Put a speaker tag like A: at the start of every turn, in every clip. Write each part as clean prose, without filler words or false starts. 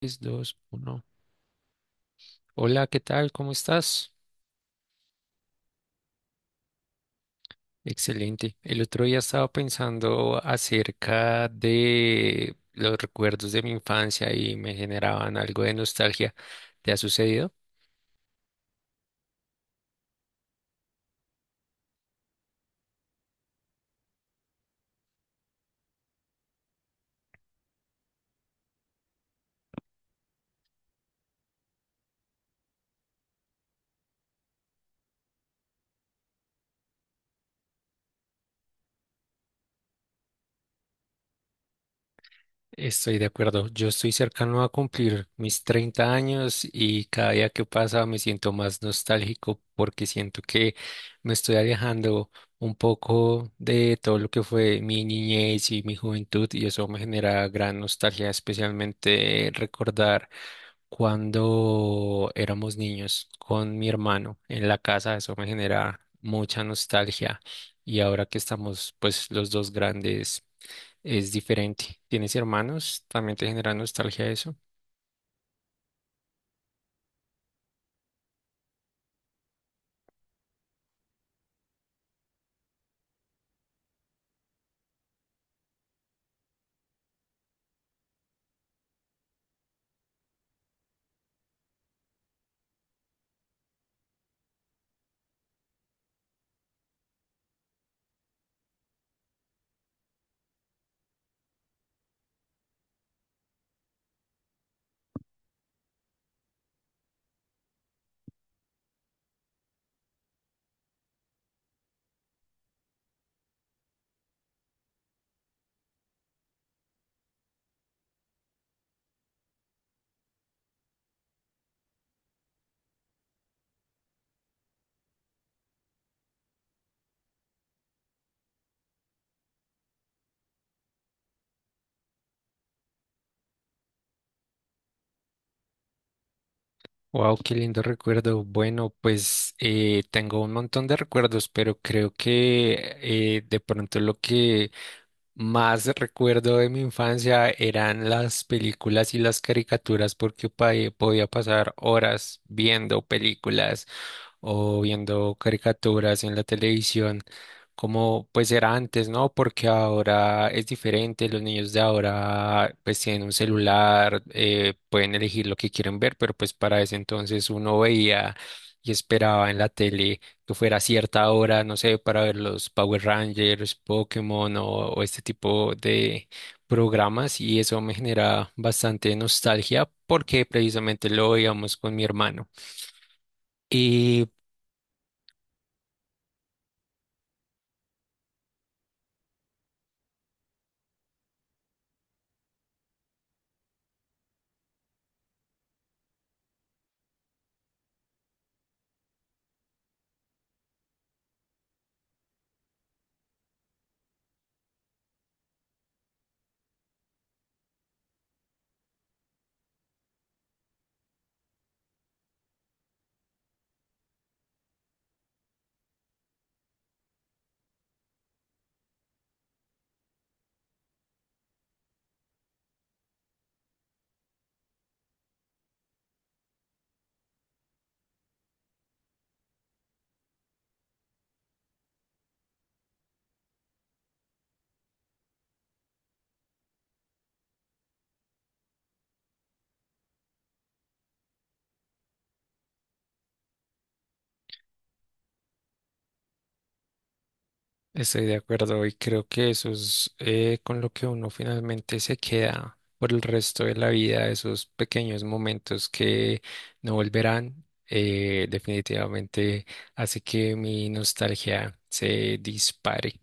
A: 3, 2, 1. Hola, ¿qué tal? ¿Cómo estás? Excelente. El otro día estaba pensando acerca de los recuerdos de mi infancia y me generaban algo de nostalgia. ¿Te ha sucedido? Estoy de acuerdo. Yo estoy cercano a cumplir mis 30 años y cada día que pasa me siento más nostálgico porque siento que me estoy alejando un poco de todo lo que fue mi niñez y mi juventud y eso me genera gran nostalgia, especialmente recordar cuando éramos niños con mi hermano en la casa. Eso me genera mucha nostalgia y ahora que estamos pues los dos grandes es diferente. ¿Tienes hermanos? ¿También te genera nostalgia eso? Wow, qué lindo recuerdo. Bueno, pues tengo un montón de recuerdos, pero creo que de pronto lo que más recuerdo de mi infancia eran las películas y las caricaturas porque podía pasar horas viendo películas o viendo caricaturas en la televisión, como pues era antes, ¿no? Porque ahora es diferente, los niños de ahora pues tienen un celular, pueden elegir lo que quieren ver, pero pues para ese entonces uno veía y esperaba en la tele que fuera a cierta hora, no sé, para ver los Power Rangers, Pokémon o este tipo de programas y eso me genera bastante nostalgia porque precisamente lo veíamos con mi hermano. Y estoy de acuerdo y creo que eso es con lo que uno finalmente se queda por el resto de la vida, esos pequeños momentos que no volverán, definitivamente hace que mi nostalgia se dispare.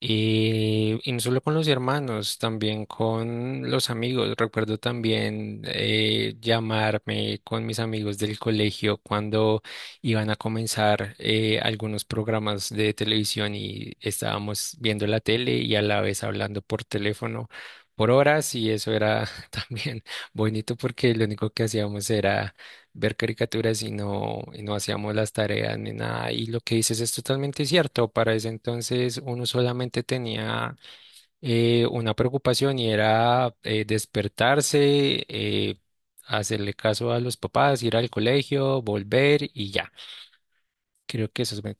A: Y no solo con los hermanos, también con los amigos. Recuerdo también llamarme con mis amigos del colegio cuando iban a comenzar algunos programas de televisión y estábamos viendo la tele y a la vez hablando por teléfono por horas y eso era también bonito porque lo único que hacíamos era ver caricaturas y no hacíamos las tareas ni nada. Y lo que dices es totalmente cierto. Para ese entonces uno solamente tenía una preocupación y era despertarse, hacerle caso a los papás, ir al colegio, volver y ya. Creo que eso es bueno.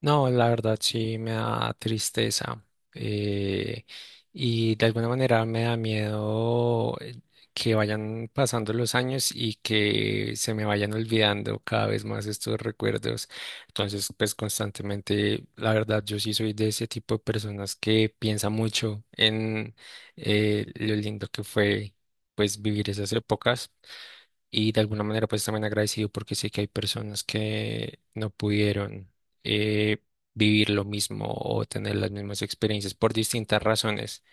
A: No, la verdad sí me da tristeza, eh, y de alguna manera me da miedo, que vayan pasando los años y que se me vayan olvidando cada vez más estos recuerdos. Entonces, pues constantemente, la verdad, yo sí soy de ese tipo de personas que piensa mucho en lo lindo que fue, pues, vivir esas épocas. Y de alguna manera pues también agradecido porque sé que hay personas que no pudieron, eh, vivir lo mismo o tener las mismas experiencias por distintas razones.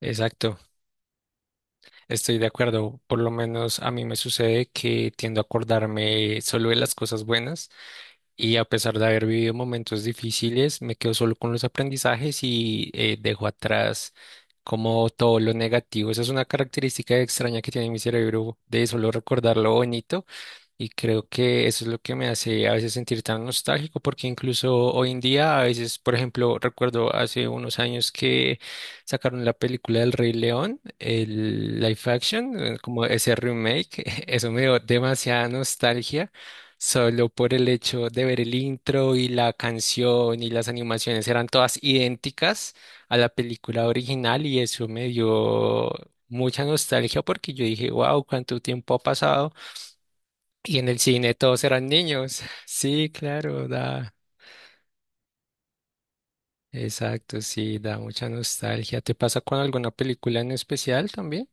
A: Exacto, estoy de acuerdo. Por lo menos a mí me sucede que tiendo a acordarme solo de las cosas buenas. Y a pesar de haber vivido momentos difíciles, me quedo solo con los aprendizajes y, dejo atrás como todo lo negativo. Esa es una característica extraña que tiene mi cerebro de solo recordar lo bonito. Y creo que eso es lo que me hace a veces sentir tan nostálgico, porque incluso hoy en día, a veces, por ejemplo, recuerdo hace unos años que sacaron la película del Rey León, el live action, como ese remake, eso me dio demasiada nostalgia. Solo por el hecho de ver el intro y la canción y las animaciones eran todas idénticas a la película original y eso me dio mucha nostalgia porque yo dije, wow, cuánto tiempo ha pasado y en el cine todos eran niños. Sí, claro, da, exacto, sí, da mucha nostalgia. ¿Te pasa con alguna película en especial también?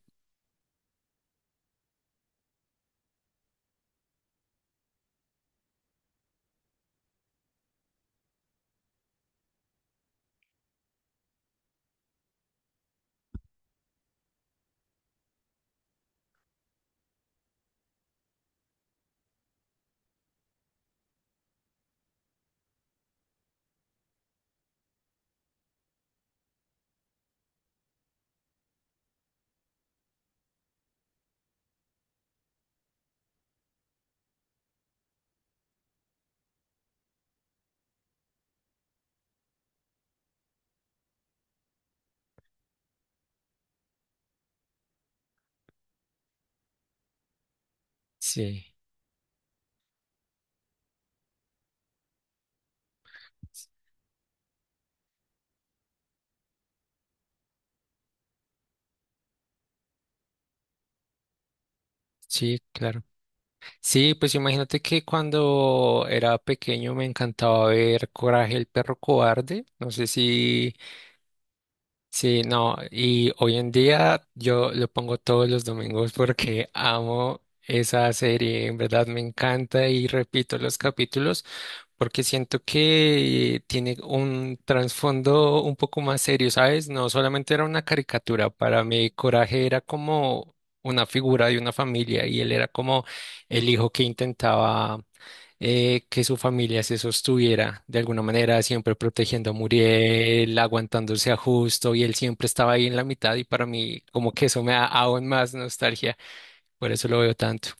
A: Sí, sí, claro. Sí, pues imagínate que cuando era pequeño me encantaba ver Coraje el perro cobarde. No sé si. Sí, no, y hoy en día yo lo pongo todos los domingos porque amo esa serie, en verdad me encanta y repito los capítulos porque siento que tiene un trasfondo un poco más serio, ¿sabes? No solamente era una caricatura, para mí Coraje era como una figura de una familia y él era como el hijo que intentaba, que su familia se sostuviera de alguna manera, siempre protegiendo a Muriel, aguantándose a Justo, y él siempre estaba ahí en la mitad, y para mí como que eso me da aún más nostalgia, por eso lo veo tanto,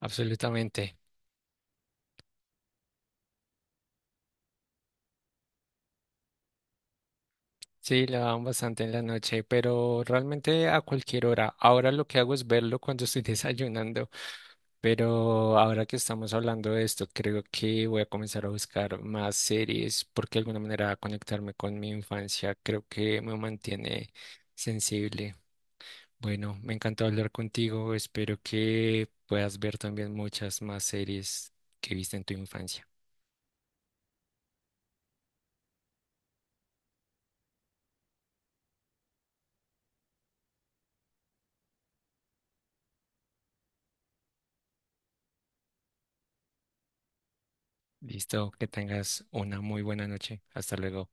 A: absolutamente. Sí, lo daban bastante en la noche, pero realmente a cualquier hora. Ahora lo que hago es verlo cuando estoy desayunando. Pero ahora que estamos hablando de esto, creo que voy a comenzar a buscar más series porque de alguna manera conectarme con mi infancia creo que me mantiene sensible. Bueno, me encantó hablar contigo. Espero que puedas ver también muchas más series que viste en tu infancia. Listo, que tengas una muy buena noche. Hasta luego.